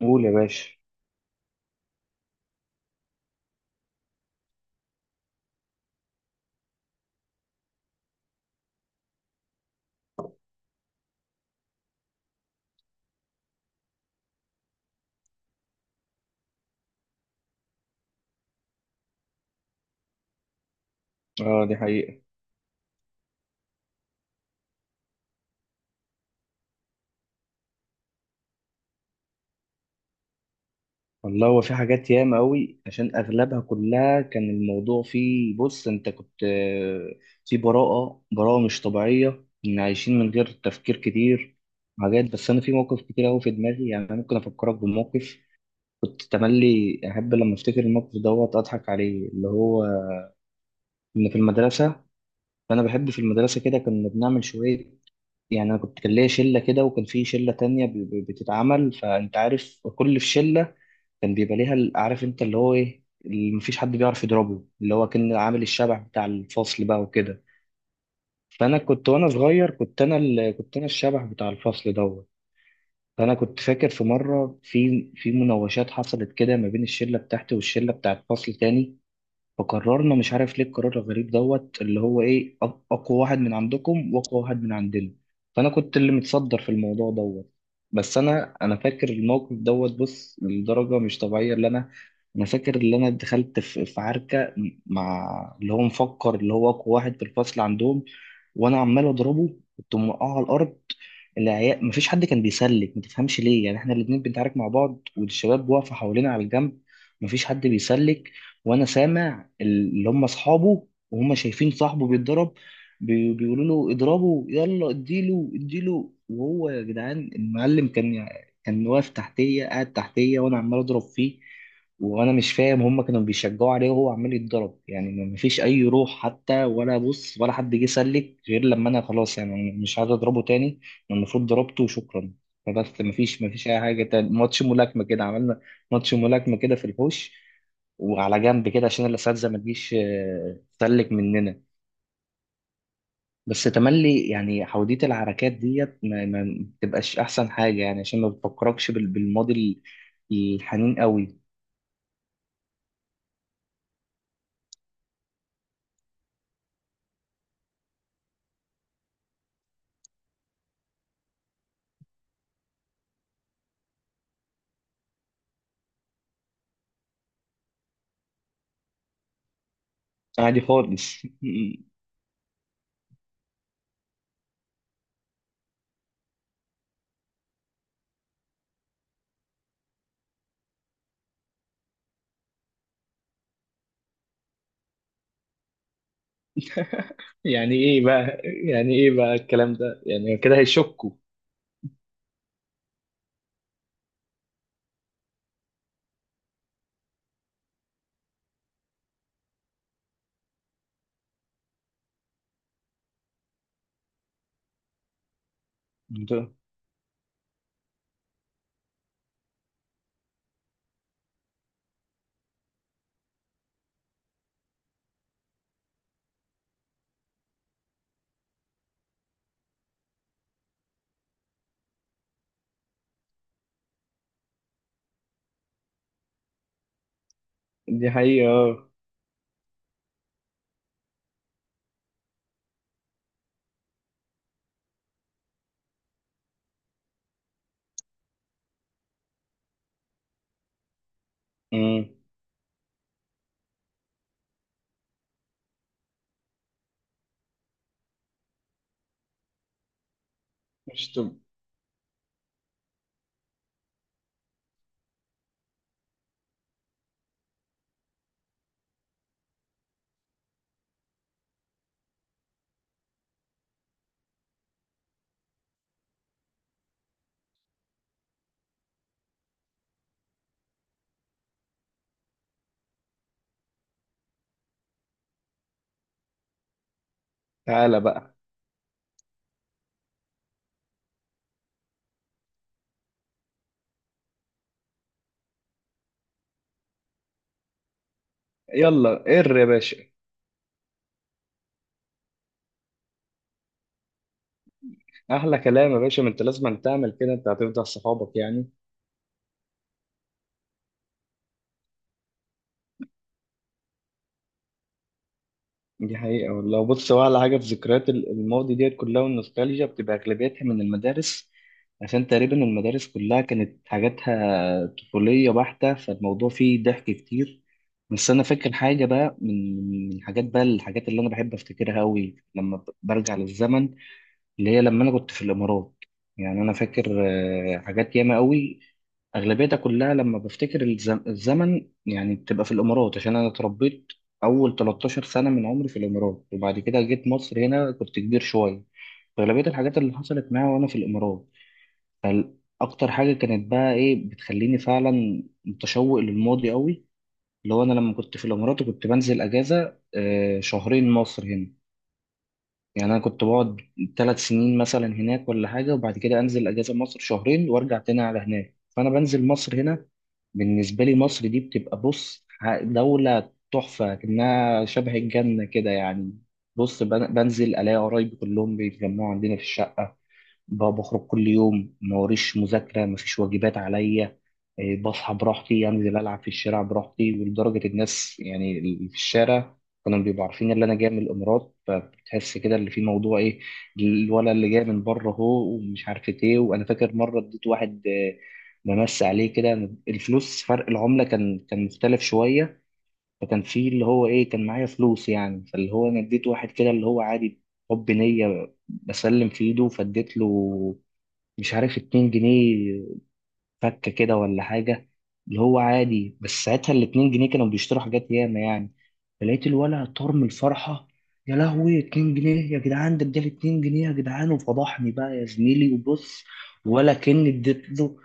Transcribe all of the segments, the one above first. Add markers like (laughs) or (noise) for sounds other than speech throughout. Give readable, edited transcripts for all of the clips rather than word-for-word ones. قول يا باشا. اه، دي حقيقة. والله هو في حاجات ياما قوي، عشان اغلبها كلها كان الموضوع فيه، بص انت كنت في براءة براءة مش طبيعية، ان عايشين من غير تفكير كتير حاجات. بس انا في موقف كتير قوي في دماغي. يعني انا ممكن افكرك بموقف كنت تملي احب لما افتكر الموقف دوت اضحك عليه، اللي هو ان في المدرسة. فانا بحب في المدرسة، كده كنا بنعمل شوية. يعني انا كنت كان ليا شلة كده، وكان في شلة تانية بتتعمل. فانت عارف، كل في شلة كان بيبقى ليها عارف انت اللي هو ايه، اللي مفيش حد بيعرف يضربه، اللي هو كان عامل الشبح بتاع الفصل بقى وكده. فانا كنت وانا صغير كنت انا الشبح بتاع الفصل دوت. فانا كنت فاكر في مره، في مناوشات حصلت كده ما بين الشله بتاعتي والشله بتاعت فصل تاني. فقررنا مش عارف ليه القرار الغريب دوت، اللي هو ايه، اقوى واحد من عندكم واقوى واحد من عندنا. فانا كنت اللي متصدر في الموضوع دوت. بس انا فاكر الموقف دوت، بص لدرجه مش طبيعيه. اللي انا فاكر اللي انا دخلت في عركه مع اللي هو مفكر اللي هو اقوى واحد في الفصل عندهم. وانا عمال اضربه، كنت موقعه على الارض. العيال مفيش حد كان بيسلك، ما تفهمش ليه، يعني احنا الاتنين بنتعارك مع بعض والشباب واقفه حوالينا على الجنب. مفيش حد بيسلك. وانا سامع اللي هم اصحابه وهم شايفين صاحبه بيتضرب، بيقولوا له اضربه، يلا اديله اديله، وهو يا جدعان المعلم. كان واقف تحتيه، قاعد تحتيه، وانا عمال اضرب فيه. وانا مش فاهم هم كانوا بيشجعوا عليه وهو عمال يتضرب، يعني ما فيش اي روح حتى، ولا بص، ولا حد جه سلك، غير لما انا خلاص. يعني أنا مش عايز اضربه تاني، أنا المفروض ضربته وشكرا. فبس ما فيش اي حاجه تاني. ماتش ملاكمه كده عملنا، ماتش ملاكمه كده في الحوش، وعلى جنب كده عشان الاساتذه ما تجيش تسلك مننا. بس تملي يعني حوديه العركات ديت ما بتبقاش احسن حاجه، يعني عشان ما بتفكركش بالماضي، الحنين قوي. عادي خالص. (laughs) يعني ايه بقى، يعني ايه بقى الكلام ده، يعني كده هيشكوا؟ ده- دي حقيقة، اه. أمم. مش تب... تعالى بقى. يلا قر يا باشا. احلى كلام يا باشا، ما انت لازم تعمل كده، انت هتفضل صحابك يعني. دي حقيقة والله. بص هو على حاجة في ذكريات الماضي ديت كلها، والنوستالجيا بتبقى أغلبيتها من المدارس، عشان تقريبا المدارس كلها كانت حاجاتها طفولية بحتة، فالموضوع فيه ضحك كتير. بس أنا فاكر حاجة بقى، من الحاجات بقى، الحاجات اللي أنا بحب أفتكرها أوي لما برجع للزمن، اللي هي لما انا كنت في الامارات. يعني انا فاكر حاجات ياما قوي، اغلبيتها كلها لما بفتكر الزمن، يعني بتبقى في الامارات، عشان انا اتربيت اول 13 سنه من عمري في الامارات. وبعد كده جيت مصر هنا، كنت كبير شويه. اغلبيه الحاجات اللي حصلت معايا وانا في الامارات، اكتر حاجه كانت بقى ايه بتخليني فعلا متشوق للماضي قوي، اللي هو انا لما كنت في الامارات وكنت بنزل اجازه شهرين مصر هنا. يعني انا كنت بقعد ثلاث سنين مثلا هناك ولا حاجه، وبعد كده انزل اجازه مصر شهرين وارجع تاني على هناك. فانا بنزل مصر هنا، بالنسبه لي مصر دي بتبقى، بص، دوله تحفه كأنها شبه الجنه كده يعني. بص، بنزل الاقي قرايبي كلهم بيتجمعوا عندنا في الشقه. بخرج كل يوم، ما وريش مذاكرة، ما فيش واجبات عليا. بصحى براحتي، أنزل ألعب في الشارع براحتي. ولدرجة الناس يعني اللي في الشارع كانوا بيبقوا عارفين اللي أنا جاي من الإمارات، فبتحس كده اللي في موضوع، إيه، الولد اللي جاي من بره هو ومش عارف إيه. وأنا فاكر مرة اديت واحد ممس عليه كده الفلوس. فرق العملة كان مختلف شوية، فكان في اللي هو إيه، كان معايا فلوس يعني، فاللي هو أنا اديت واحد كده، اللي هو عادي، حب نية، بسلم في ايده فاديت له مش عارف 2 جنيه فكه كده ولا حاجه. اللي هو عادي، بس ساعتها الاتنين جنيه كانوا بيشتروا حاجات ياما يعني. فلقيت الولع طار من الفرحه: يا لهوي، اتنين جنيه يا جدعان، ده اداني اتنين جنيه يا جدعان، وفضحني بقى يا زميلي، وبص ولا كأني اديت له.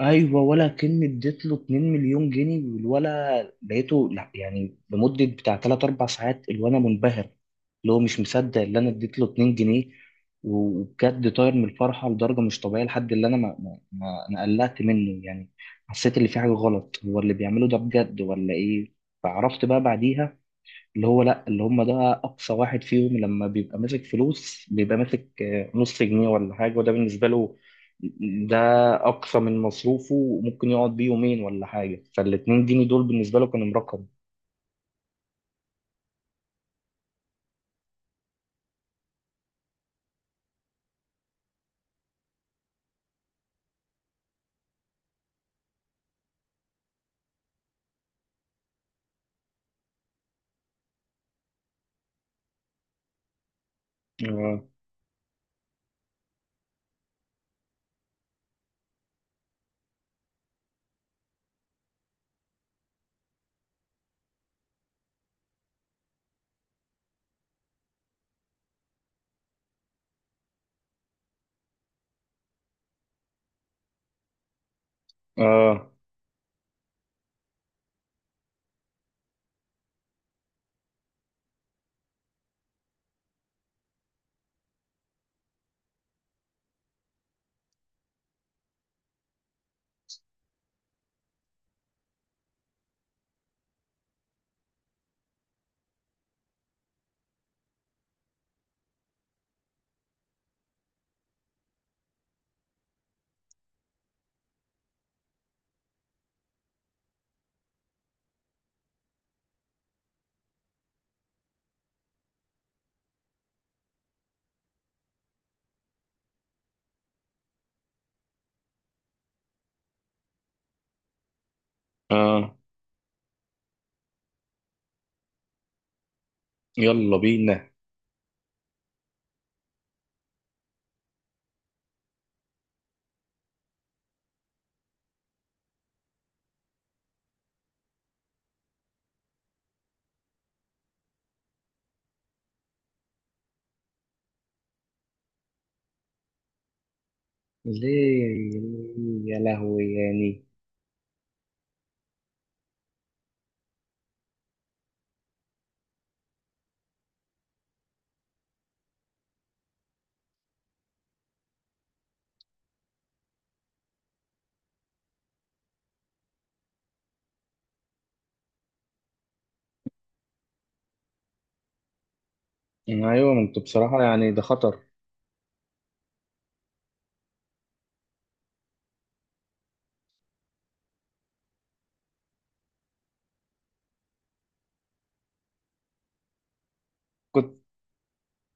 ايوه، ولا كأني اديت له 2 مليون جنيه. والولا لقيته، لا يعني، لمده بتاع 3 4 ساعات الولا منبهر، اللي هو مش مصدق اللي انا اديت له 2 جنيه، وبجد طاير من الفرحه لدرجه مش طبيعيه، لحد اللي انا انا قلقت منه يعني، حسيت اللي في حاجه غلط، هو اللي بيعمله ده بجد ولا ايه؟ فعرفت بقى بعديها اللي هو لا، اللي هم ده اقصى واحد فيهم لما بيبقى ماسك فلوس بيبقى ماسك نص جنيه ولا حاجه، وده بالنسبه له ده اقصى من مصروفه، وممكن يقعد بيه يومين ولا حاجه، فالاتنين جنيه دول بالنسبه له كانوا مرقم. اه، اه، اه. يلا بينا. ليه؟ يا لهوي يعني. آه، ايوه، ما انتوا بصراحه يعني ده خطر.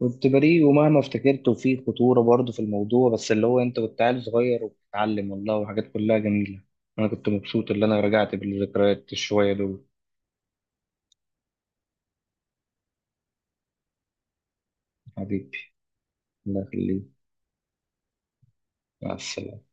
كنت بريء ومهما افتكرت، وفي خطورة برضه في الموضوع، بس اللي هو انت كنت عيل صغير وبتتعلم والله، وحاجات كلها جميلة. انا كنت مبسوط اللي انا رجعت بالذكريات الشوية دول. حبيبي، الله يخليك. مع السلامة.